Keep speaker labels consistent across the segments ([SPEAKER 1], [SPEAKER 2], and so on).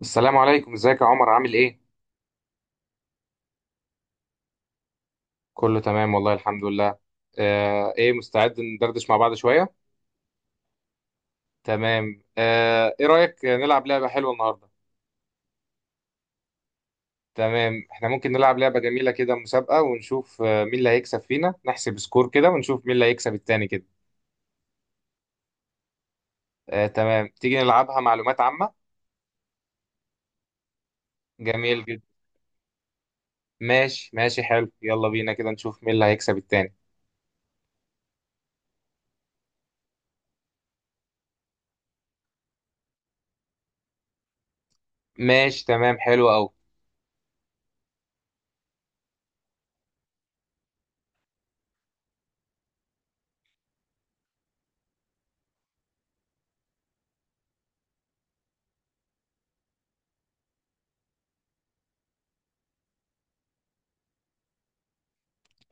[SPEAKER 1] السلام عليكم، ازيك يا عمر؟ عامل ايه؟ كله تمام والله الحمد لله. آه، ايه، مستعد ندردش مع بعض شوية؟ تمام. آه، ايه رأيك نلعب لعبة حلوة النهاردة؟ تمام، احنا ممكن نلعب لعبة جميلة كده، مسابقة، ونشوف مين اللي هيكسب فينا. نحسب سكور كده ونشوف مين اللي هيكسب التاني كده. آه تمام، تيجي نلعبها معلومات عامة. جميل جدا. ماشي ماشي، حلو، يلا بينا كده نشوف مين اللي هيكسب التاني. ماشي تمام، حلو قوي.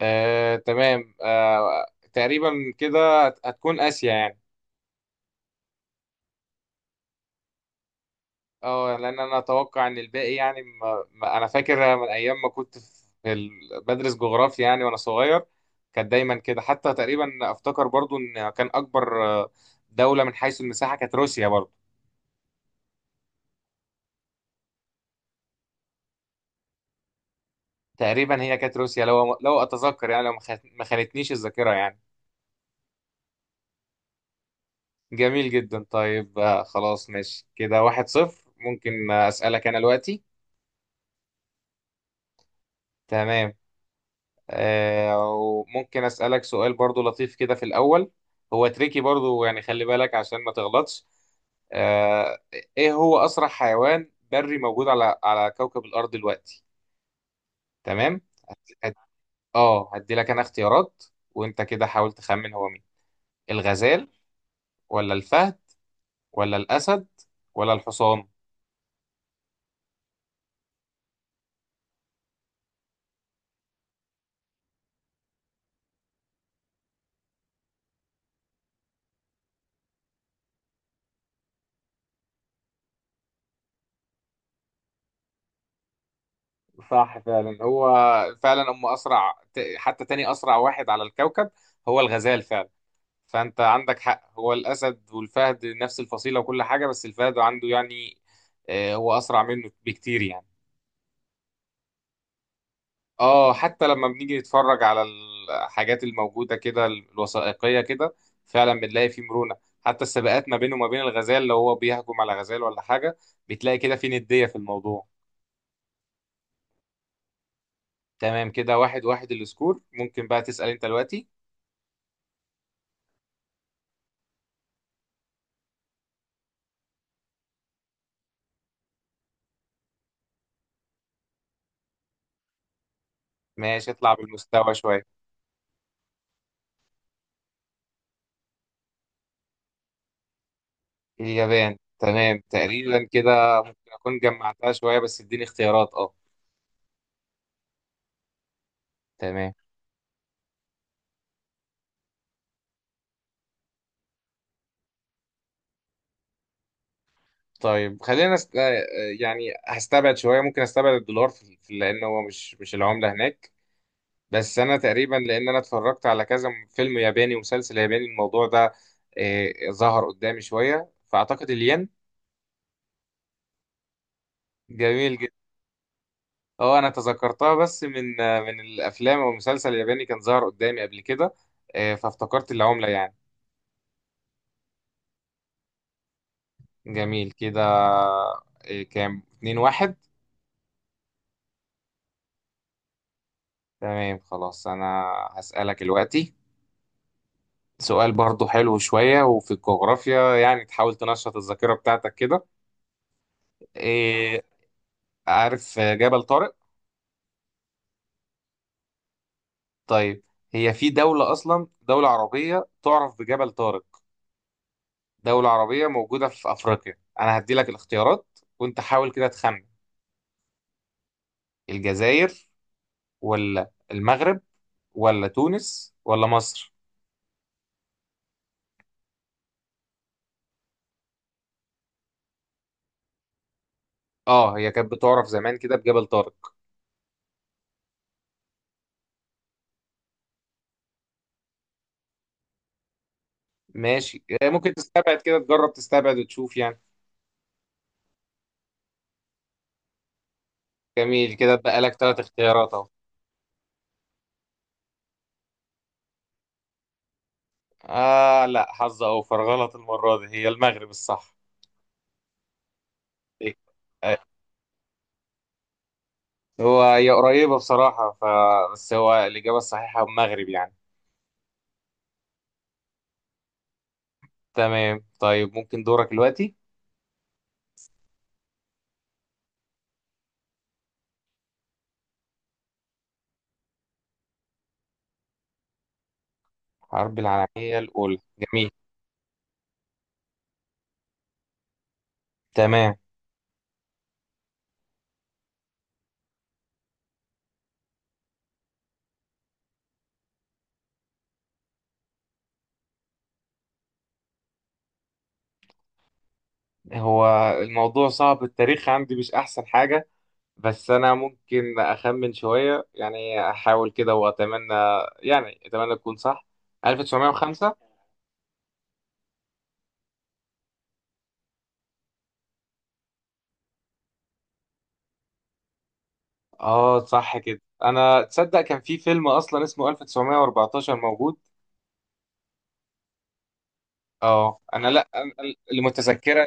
[SPEAKER 1] آه تمام، آه تقريبا كده هتكون آسيا يعني. اه، لان انا اتوقع ان الباقي يعني ما انا فاكر من ايام ما كنت بدرس جغرافيا يعني وانا صغير، كانت دايما كده، حتى تقريبا افتكر برضو ان كان اكبر دولة من حيث المساحة كانت روسيا برضو. تقريبا هي كانت روسيا، لو اتذكر يعني، لو ما خانتنيش الذاكرة يعني. جميل جدا. طيب خلاص ماشي كده، واحد صفر. ممكن اسألك انا دلوقتي؟ تمام. وممكن أسألك سؤال برضو لطيف كده في الأول، هو تريكي برضو يعني، خلي بالك عشان ما تغلطش. آه، إيه هو أسرع حيوان بري موجود على كوكب الأرض دلوقتي؟ تمام. هت- هت- هدي لك أنا اختيارات وأنت كده حاول تخمن هو مين. الغزال، ولا الفهد، ولا الأسد، ولا الحصان؟ صح فعلا، هو فعلا هم أسرع حتى تاني أسرع واحد على الكوكب هو الغزال فعلا. فانت عندك حق، هو الاسد والفهد نفس الفصيله وكل حاجه، بس الفهد عنده يعني هو اسرع منه بكتير يعني. اه، حتى لما بنيجي نتفرج على الحاجات الموجوده كده الوثائقيه كده، فعلا بنلاقي فيه مرونه. حتى السباقات ما بينه وما بين الغزال، لو هو بيهجم على غزال ولا حاجه، بتلاقي كده في نديه في الموضوع. تمام كده، واحد واحد السكور. ممكن بقى تسال انت دلوقتي. ماشي، اطلع بالمستوى شويه. اليابان، تمام، تقريبا كده اكون جمعتها شويه، بس اديني اختيارات اه. تمام. طيب خلينا است... آه، يعني هستبعد شويه. ممكن استبعد الدولار لان هو مش العمله هناك. بس انا تقريبا، لان انا اتفرجت على كذا فيلم ياباني ومسلسل ياباني الموضوع ده ظهر قدامي شويه، فاعتقد الين. جميل جدا. اه، انا تذكرتها بس من من الافلام او المسلسل الياباني، كان ظهر قدامي قبل كده، فافتكرت العمله يعني. جميل كده. كام؟ 2 1. تمام خلاص، انا هسألك دلوقتي سؤال برضه حلو شوية وفي الجغرافيا يعني، تحاول تنشط الذاكرة بتاعتك كده. إيه، عارف جبل طارق؟ طيب، هي في دولة أصلا، دولة عربية تعرف بجبل طارق، دولة عربية موجودة في أفريقيا. أنا هدي لك الاختيارات وأنت حاول كده تخمن. الجزائر، ولا المغرب، ولا تونس، ولا مصر؟ آه هي كانت بتعرف زمان كده بجبل طارق. ماشي. إيه، ممكن تستبعد كده، تجرب تستبعد وتشوف يعني. جميل كده، اتبقى لك ثلاث اختيارات أهو. آه لا، حظ أوفر، غلط المرة دي، هي المغرب الصح. إيه؟ آه، هي قريبة بصراحة، ف بس هو الإجابة الصحيحة المغرب يعني. تمام، طيب ممكن دورك دلوقتي. الحرب العالمية الأولى، جميل. تمام. هو الموضوع صعب، التاريخ عندي مش أحسن حاجة، بس أنا ممكن أخمن شوية يعني، أحاول كده وأتمنى يعني، أتمنى تكون صح. 1905. آه صح كده. أنا تصدق كان في فيلم أصلا اسمه 1914 موجود. اه انا، لا أنا اللي متذكرها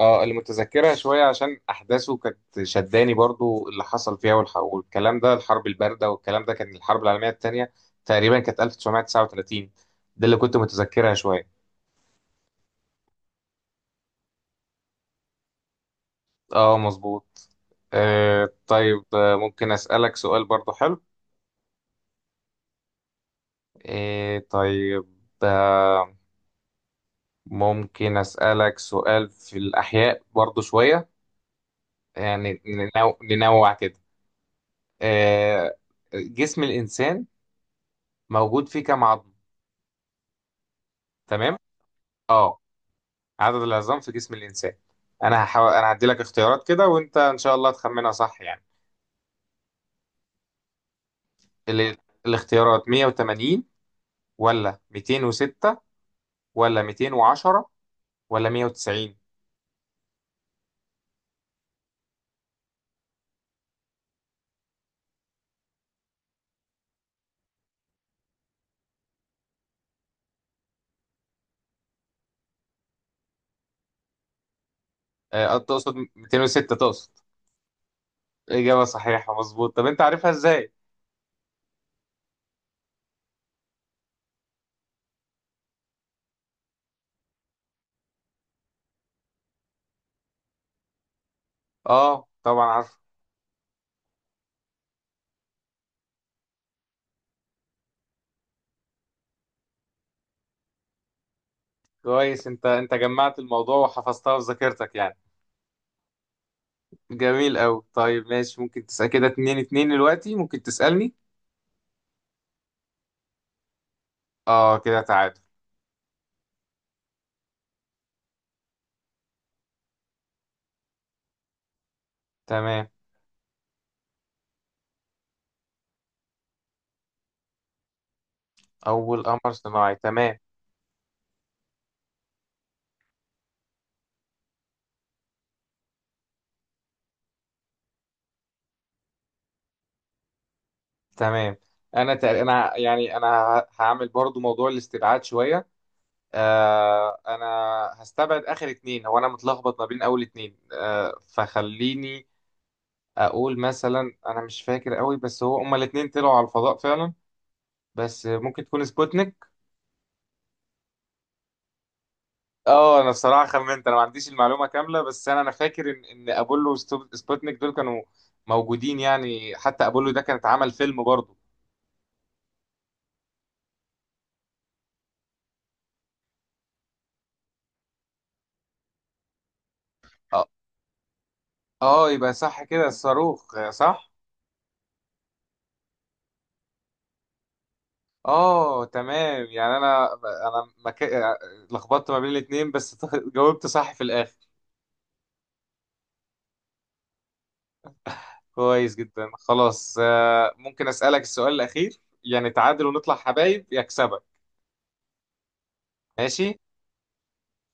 [SPEAKER 1] اه اللي متذكرها شويه عشان احداثه كانت شداني برضو، اللي حصل فيها والكلام ده، الحرب البارده والكلام ده كان الحرب العالميه الثانيه، تقريبا كانت 1939. ده اللي كنت متذكرها شويه. اه مظبوط. آه طيب، ممكن اسالك سؤال برضو حلو. آه طيب. آه، ممكن اسالك سؤال في الاحياء برضو شويه، يعني ننوع كده. آه، جسم الانسان موجود فيه كام عظم؟ تمام. اه، عدد العظام في جسم الانسان. انا هحاول، انا هدي لك اختيارات كده وانت ان شاء الله تخمنها صح يعني. ال... الاختيارات 180، ولا 206، ولا 210، ولا 190؟ آه تقصد 206 تقصد. اجابه صحيحه مظبوط. طب انت عارفها ازاي؟ اه طبعا عارف. كويس، انت جمعت الموضوع وحفظتها في ذاكرتك يعني. جميل قوي. طيب ماشي، ممكن تسأل كده، اتنين اتنين دلوقتي. ممكن تسألني. اه كده تعادل. تمام. اول قمر صناعي، تمام. تمام، انا تق... انا يعني انا هعمل برضو موضوع الاستبعاد شويه. آه انا هستبعد اخر اتنين، هو انا متلخبط ما بين اول اتنين، آه فخليني اقول، مثلا انا مش فاكر قوي، بس هو هما الاتنين طلعوا على الفضاء فعلا، بس ممكن تكون سبوتنيك. اه، انا الصراحه خمنت، انا ما عنديش المعلومه كامله، بس انا فاكر ان ابولو وسبوتنيك دول كانوا موجودين يعني، حتى ابولو ده كان اتعمل فيلم برضو. آه، اه يبقى صح كده، الصاروخ صح. اه تمام، يعني لخبطت ما بين الاتنين بس جاوبت صح في الاخر. كويس جدا خلاص. ممكن اسالك السؤال الاخير، يعني تعادل ونطلع حبايب، يكسبك. ماشي،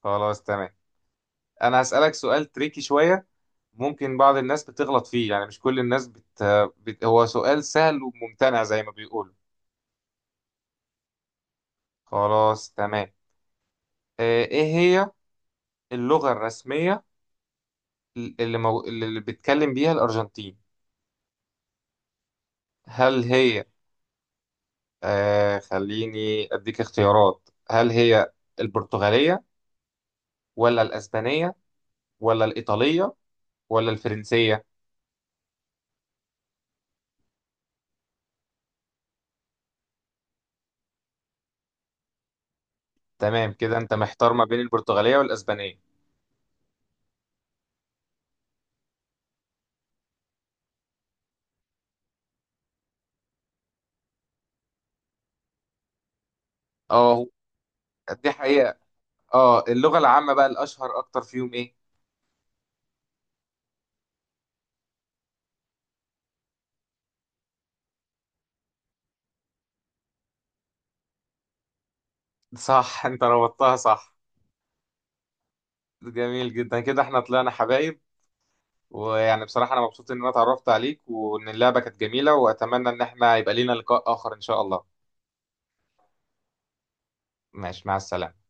[SPEAKER 1] خلاص تمام. انا هسالك سؤال تريكي شويه، ممكن بعض الناس بتغلط فيه يعني، مش كل الناس هو سؤال سهل وممتنع زي ما بيقولوا. خلاص تمام. ايه هي اللغة الرسمية اللي بيتكلم بيها الأرجنتين؟ هل هي، آه خليني أديك اختيارات، هل هي البرتغالية، ولا الأسبانية، ولا الإيطالية، ولا الفرنسية؟ تمام كده أنت محتار ما بين البرتغالية والأسبانية. اه دي حقيقة. اه، اللغة العامة بقى الأشهر أكتر فيهم إيه؟ صح أنت ربطتها صح. جميل جدا كده، احنا طلعنا حبايب، ويعني بصراحة أنا مبسوط إن أنا اتعرفت عليك، وإن اللعبة كانت جميلة، وأتمنى إن احنا يبقى لينا لقاء آخر إن شاء الله. ماشي، مع السلامة.